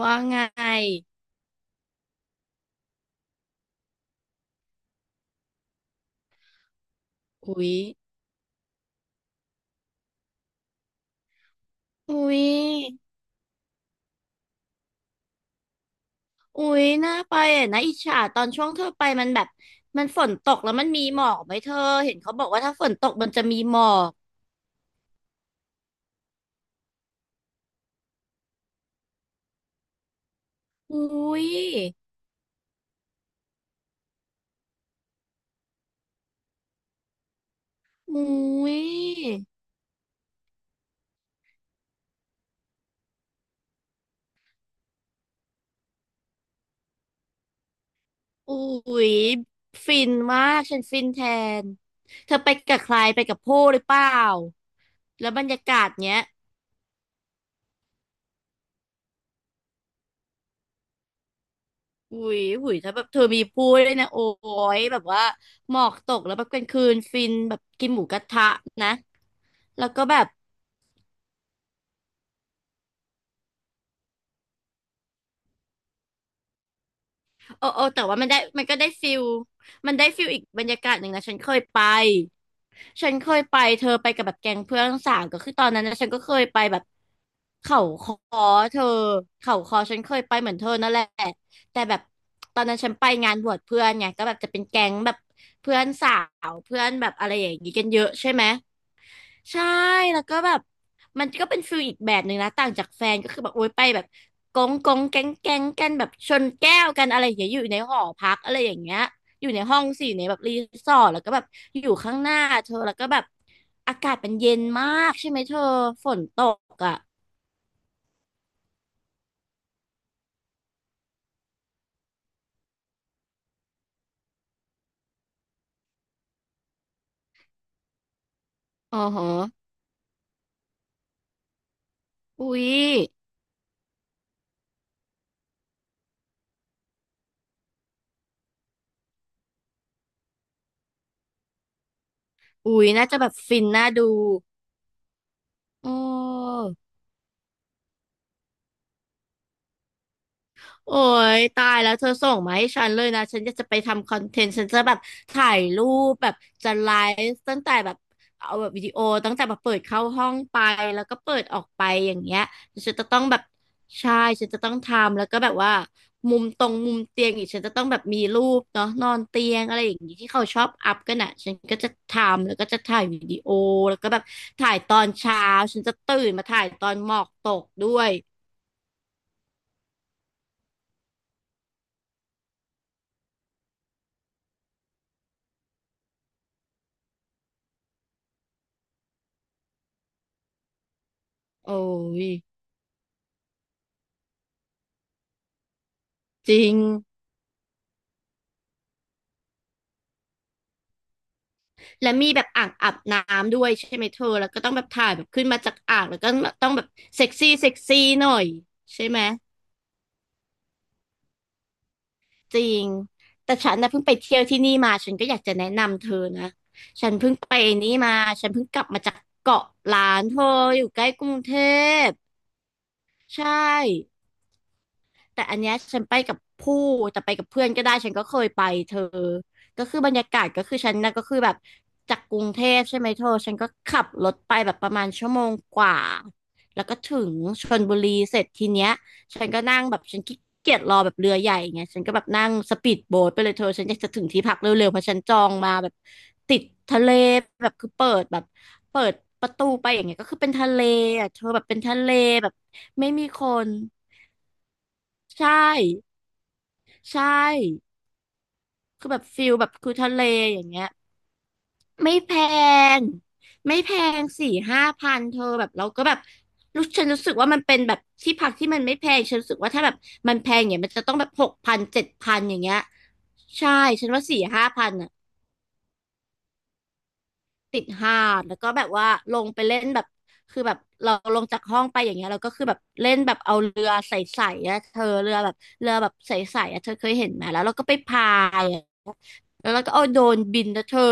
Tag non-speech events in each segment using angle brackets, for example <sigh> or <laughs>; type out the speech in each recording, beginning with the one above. ว่าไงอุ๊ยอุ๊ยอุ๊ยน่าไปอ่ะนะอิจฉาตอนช่วงเธอไปมันแบบมันฝนตกแล้วมันมีหมอกไหมเธอเห็นเขาบอกว่าถ้าฝนตกมันจะมีหมอกอุ๊ยอุ๊ยอุ๊ยฟินมากฉันฟินแทนเธอไปกับใครไปกับผู้หรือเปล่าแล้วบรรยากาศเนี้ยอุ๊ยอุ๊ยถ้าแบบเธอมีผู้ด้วยนะโอ้ยแบบว่าหมอกตกแล้วแบบกลางคืนฟินแบบกินหมูกระทะนะแล้วก็แบบ โอ้โอ้แต่ว่ามันได้มันก็ได้ฟิลมันได้ฟิลอีกบรรยากาศหนึ่งนะฉันเคยไป ฉันเคยไปเธอไปกับแบบแก๊งเพื่อนสาวก็คือตอนนั้นนะฉันก็เคยไปแบบเขาคอเธอเขาคอฉันเคยไปเหมือนเธอนั่นแหละแต่แบบตอนนั้นฉันไปงานบวชเพื่อนไงก็แบบจะเป็นแก๊งแบบเพื่อนสาวเพื่อนแบบอะไรอย่างงี้กันเยอะใช่ไหม ใช่แล้วก็แบบมันก็เป็นฟิลอีกแบบหนึ่งนะต่างจากแฟนก็คือแบบโอ๊ยไปแบบกงกงแก๊งแก๊งกันแบบชนแก้วกันอะไรอย่างเงี้ยอยู่ในหอพักอะไรอย่างเงี้ยอยู่ในห้องสี่ในแบบรีสอร์ทแล้วก็แบบอยู่ข้างหน้าเธอแล้วก็แบบอากาศมันเย็นมากใช่ไหมเธอฝนตกอ่ะอ๋อฮะอุ๊ยอุ๊ยน่าจะแบบฟินน่าดูอ๋อ โอ้ยตายแล้วเธอส่งมาให้ฉันเลยนะฉันจะไปทำคอนเทนต์ฉันจะแบบถ่ายรูปแบบจะไลฟ์ตั้งแต่แบบเอาแบบวิดีโอตั้งแต่แบบเปิดเข้าห้องไปแล้วก็เปิดออกไปอย่างเงี้ยฉันจะต้องแบบใช่ฉันจะต้องทำแล้วก็แบบว่ามุมตรงมุมเตียงอีกฉันจะต้องแบบมีรูปเนาะนอนเตียงอะไรอย่างงี้ที่เขาชอบอัพกันอ่ะฉันก็จะทำแล้วก็จะถ่ายวิดีโอแล้วก็แบบถ่ายตอนเช้าฉันจะตื่นมาถ่ายตอนหมอกตกด้วยโอ้ยจริง และมีแบบอ่างอาบน้ำด้วยใช่ไหมเธอแล้วก็ต้องแบบถ่ายแบบขึ้นมาจากอ่างแล้วก็ต้องแบบเซ็กซี่เซ็กซี่หน่อยใช่ไหมจริงแต่ฉันนะเพิ่งไปเที่ยวที่นี่มาฉันก็อยากจะแนะนำเธอนะฉันเพิ่งไปนี่มาฉันเพิ่งกลับมาจากเกาะล้านเธออยู่ใกล้กรุงเทพใช่ แต่อันเนี้ยฉันไปกับผู้แต่ไปกับเพื่อนก็ได้ฉันก็เคยไปเธอก็คือบรรยากาศก็คือฉันนะก็คือแบบจากกรุงเทพใช่ไหมเธอฉันก็ขับรถไปแบบประมาณชั่วโมงกว่าแล้วก็ถึงชลบุรีเสร็จทีเนี้ยฉันก็นั่งแบบฉันขี้เกียจรอแบบเรือใหญ่ไงฉันก็แบบนั่งสปีดโบ๊ทไปเลยเธอฉันอยากจะถึงที่พักเร็วๆเพราะฉันจองมาแบบติดทะเลแบบคือเปิดแบบเปิดประตูไปอย่างเงี้ยก็คือเป็นทะเลอ่ะเธอแบบเป็นทะเลแบบไม่มีคนใช่ ใช่ คือแบบฟิลแบบคือทะเลอย่างเงี้ย ไม่แพงไม่แพงสี่ห้าพันเธอแบบเราก็แบบรู้ฉันรู้สึกว่ามันเป็นแบบที่พักที่มันไม่แพง ฉันรู้สึกว่าถ้าแบบมันแพงเนี่ยมันจะต้องแบบหกพันเจ็ดพันอย่างเงี้ย ใช่ ฉันว่าสี่ห้าพัน ติดห้างแล้วก็แบบว่าลงไปเล่นแบบคือแบบเราลงจากห้องไปอย่างเงี้ยเราก็คือแบบเล่นแบบเอาเรือใสๆอะเธอเรือแบบเรือแบบใสๆอะเธอเคยเห็นไหมแล้วเราก็ไปพายอะแล้วเราก็เอาโดรนบินนะเธอ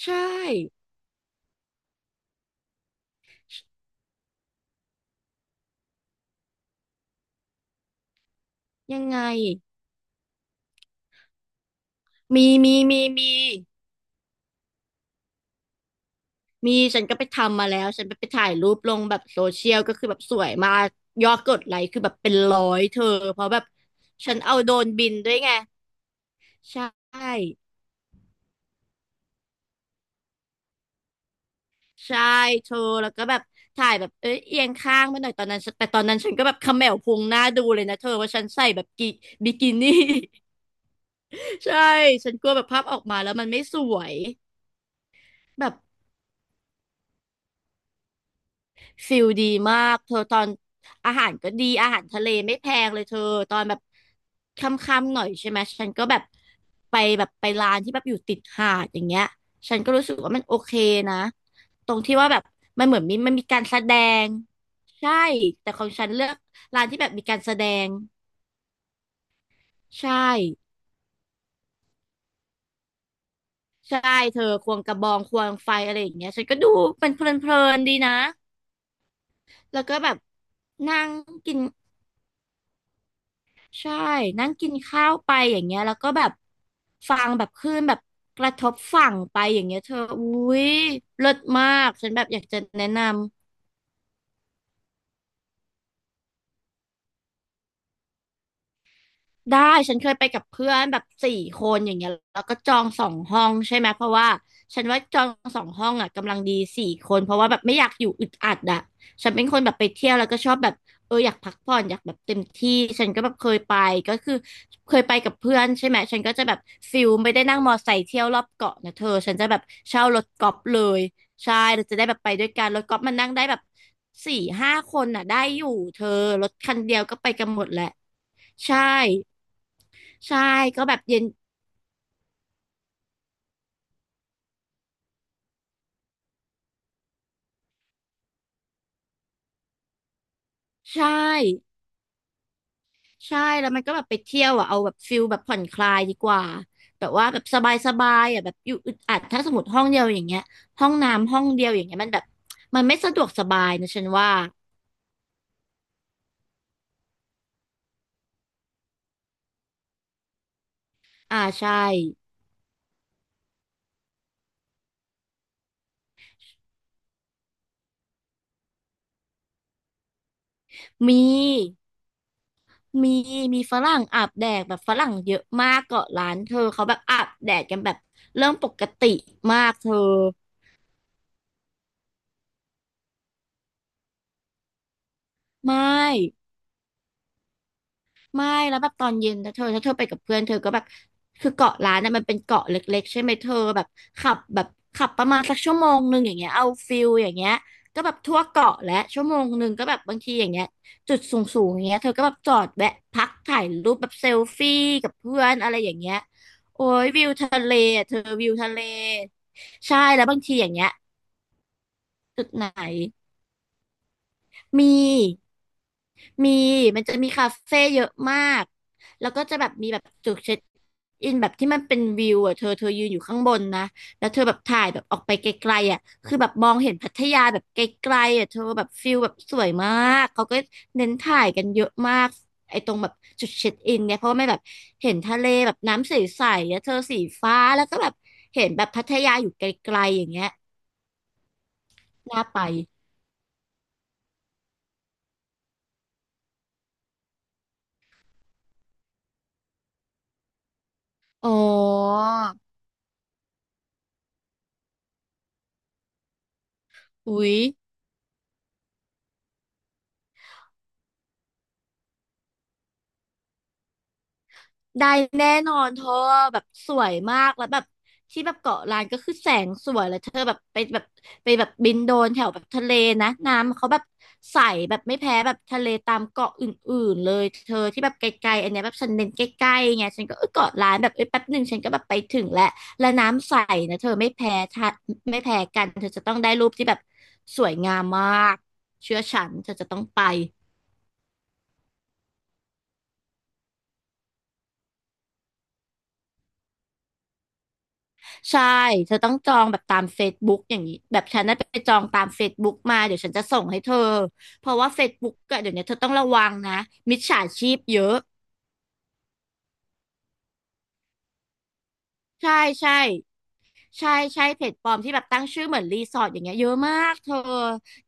ใช่ยังไงมีมีฉันก็ไปทำมาแล้วฉันไปไปถ่ายรูปลงแบบโซเชียลก็คือแบบสวยมากยอดกดไลค์คือแบบเป็นร้อยเธอเพราะแบบฉันเอาโดรนบินด้วยไงใช่ ใช่เธอแล้วก็แบบถ่ายแบบเอ้ยเอียงข้างมาหน่อยตอนนั้นฉันแต่ตอนนั้นฉันก็แบบเขม่วพุงหน้าดูเลยนะเธอว่าฉันใส่แบบบิกินี่ <laughs> ใช่ฉันกลัวแบบภาพออกมาแล้วมันไม่สวยแบบ ฟิลดีมากเธอตอนอาหารก็ดีอาหารทะเลไม่แพงเลยเธอตอนแบบค่ำๆหน่อยใช่ไหมฉันก็แบบไปแบบไปร้านที่แบบอยู่ติดหาดอย่างเงี้ยฉันก็รู้สึกว่ามันโอเคนะตรงที่ว่าแบบมันเหมือนมีมันมีการแสดงใช่แต่ของฉันเลือกร้านที่แบบมีการแสดงใช่ใช่เธอควงกระบองควงไฟอะไรอย่างเงี้ยฉันก็ดูเป็นเพลินๆดีนะแล้วก็แบบนั่งกิน ใช่นั่งกินข้าวไปอย่างเงี้ยแล้วก็แบบฟังแบบคลื่นแบบกระทบฝั่งไปอย่างเงี้ยเธออุ้ยเลิศมากฉันแบบอยากจะแนะนำ ได้ฉันเคยไปกับเพื่อนแบบสี่คนอย่างเงี้ยแล้วก็จองสองห้องใช่ไหมเพราะว่าฉันว่าจองสองห้องอ่ะกำลังดีสี่คนเพราะว่าแบบไม่อยากอยู่อึดอัดอ่ะฉันเป็นคนแบบไปเที่ยวแล้วก็ชอบแบบเอออยากพักผ่อนอยากแบบเต็มที่ฉันก็แบบเคยไปก็คือเคยไปกับเพื่อนใช่ไหมฉันก็จะแบบฟิลไม่ได้นั่งมอไซค์เที่ยวรอบเกาะนะเธอฉันจะแบบเช่ารถกอล์ฟเลยใช่เราจะได้แบบไปด้วยกันรถกอล์ฟมันนั่งได้แบบสี่ห้าคนอ่ะได้อยู่เธอรถคันเดียวก็ไปกันหมดแหละใช่ ใช่ก็แบบเย็นใช่ใช่แล้วมันก็แบบไปเที่ยวอ่ะเอาแบบฟิลแบบผ่อนคลายดีกว่าแบบว่าแบบสบายสบายอ่ะแบบอยู่อึดอัดถ้าสมมติห้องเดียวอย่างเงี้ยห้องน้ำห้องเดียวอย่างเงี้ยมันแบบมันไม่สะดวกสบายนะฉันว่าอ่าใช่มีมีมีฝรั่งอาบแดดแบบฝรั่งเยอะมากเกาะร้านเธอเขาแบบอาบแดดกันแบบเรื่องปกติมากเธอไม่ ไม่แล้วแบบตอนเย็นนะเธอถ้าเธอไปกับเพื่อนเธอก็แบบคือเกาะล้านน่ะมันเป็นเกาะเล็กๆใช่ไหมเธอแบบขับแบบขับประมาณสักชั่วโมงหนึ่งอย่างเงี้ยเอาฟิลอย่างเงี้ยก็แบบทั่วเกาะและชั่วโมงหนึ่งก็แบบบางทีอย่างเงี้ยจุดสูงๆอย่างเงี้ยเธอก็แบบจอดแวะพักถ่ายรูปแบบเซลฟี่กับเพื่อนอะไรอย่างเงี้ยโอ้ยวิวทะเลอะเธอวิวทะเลใช่แล้วบางทีอย่างเงี้ยจุดไหน มีมีมันจะมีคาเฟ่เยอะมากแล้วก็จะแบบมีแบบจุดเช็คอินแบบที่มันเป็นวิวอ่ะเธอเธอยืนอยู่ข้างบนนะแล้วเธอแบบถ่ายแบบออกไปไกลๆอ่ะคือแบบมองเห็นพัทยาแบบไกลๆอ่ะเธอแบบฟิลแบบสวยมากเขาก็เน้นถ่ายกันเยอะมากไอ้ตรงแบบจุดเช็คอินเนี่ยเพราะว่าไม่แบบเห็นทะเลแบบน้ำใสๆอ่ะเธอสีฟ้าแล้วก็แบบเห็นแบบพัทยาอยู่ไกลๆอย่างเงี้ยน่าไปอ๋ออุ๊ย ได้แน่นอนเธอแบบสวยมากแล้วแบบที่แบบเกาะล้านก็คือแสงสวยแล้วเธอแบบไปแบบบินโดนแถวแบบทะเลนะน้ำเขาแบบใสแบบไม่แพ้แบบทะเลตามเกาะอื่นๆเลยเธอที่แบบไกลๆอันเนี้ยแบบฉันเน้นใกล้ๆไงฉันก็เออเกาะล้านแบบเอ้ยแป๊บหนึ่งฉันก็แบบไปถึงแล้วและน้ำใสนะเธอไม่แพ้กันเธอจะต้องได้รูปที่แบบสวยงามมากเชื่อฉันเธอจะต้องไป ใช่ เธอต้องจองแบบตาม Facebook อย่างนี้ แบบฉันน่ะไปจองตาม Facebook มา เดี๋ยวฉันจะส่งให้เธอ เพราะว่า Facebook อะเดี๋ยวนี้เธอต้องระวังนะมิจฉาชีพเยอะ ใช่ใช่ ใช่ใช่เพจปลอมที่แบบตั้งชื่อเหมือนรีสอร์ทอย่างเงี้ยเยอะมากเธอ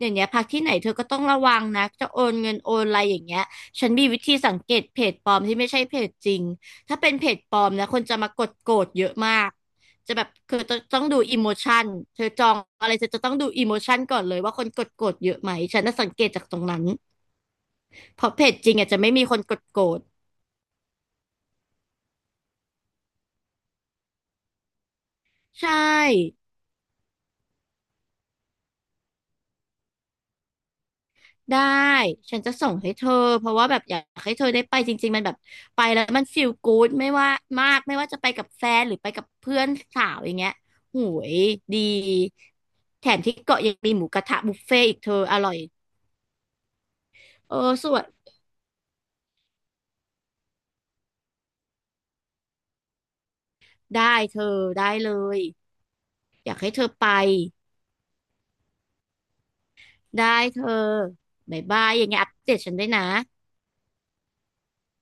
อย่างเงี้ยพักที่ไหนเธอก็ต้องระวังนะจะโอนเงินโอนอะไรอย่างเงี้ยฉันมีวิธีสังเกตเพจปลอมที่ไม่ใช่เพจจริงถ้าเป็นเพจปลอมนะคนจะมากดโกรธเยอะมากจะแบบคือต้องดูอิโมชันเธอจองอะไรเธอจะต้องดูอิโมชันก่อนเลยว่าคนกดโกรธเยอะไหมฉันน่ะสังเกตจากตรงนั้นเพราะเพจจริงอาจจะไม่มีคนกดโกรธใช่ ได้ ฉันจะส่งให้เธอ เพราะว่าแบบอยากให้เธอได้ไปจริงๆมันแบบไปแล้วมันฟีลกู๊ดไม่ว่ามากไม่ว่าจะไปกับแฟนหรือไปกับเพื่อนสาวอย่างเงี้ยโหยดี แถมที่เกาะยังมีหมูกระทะบุฟเฟ่ต์อีกเธออร่อย เออสวยได้เธอได้เลยอยากให้เธอไปได้เธอบ๊ายบายยังไงอัปเดตฉันด้วยนะ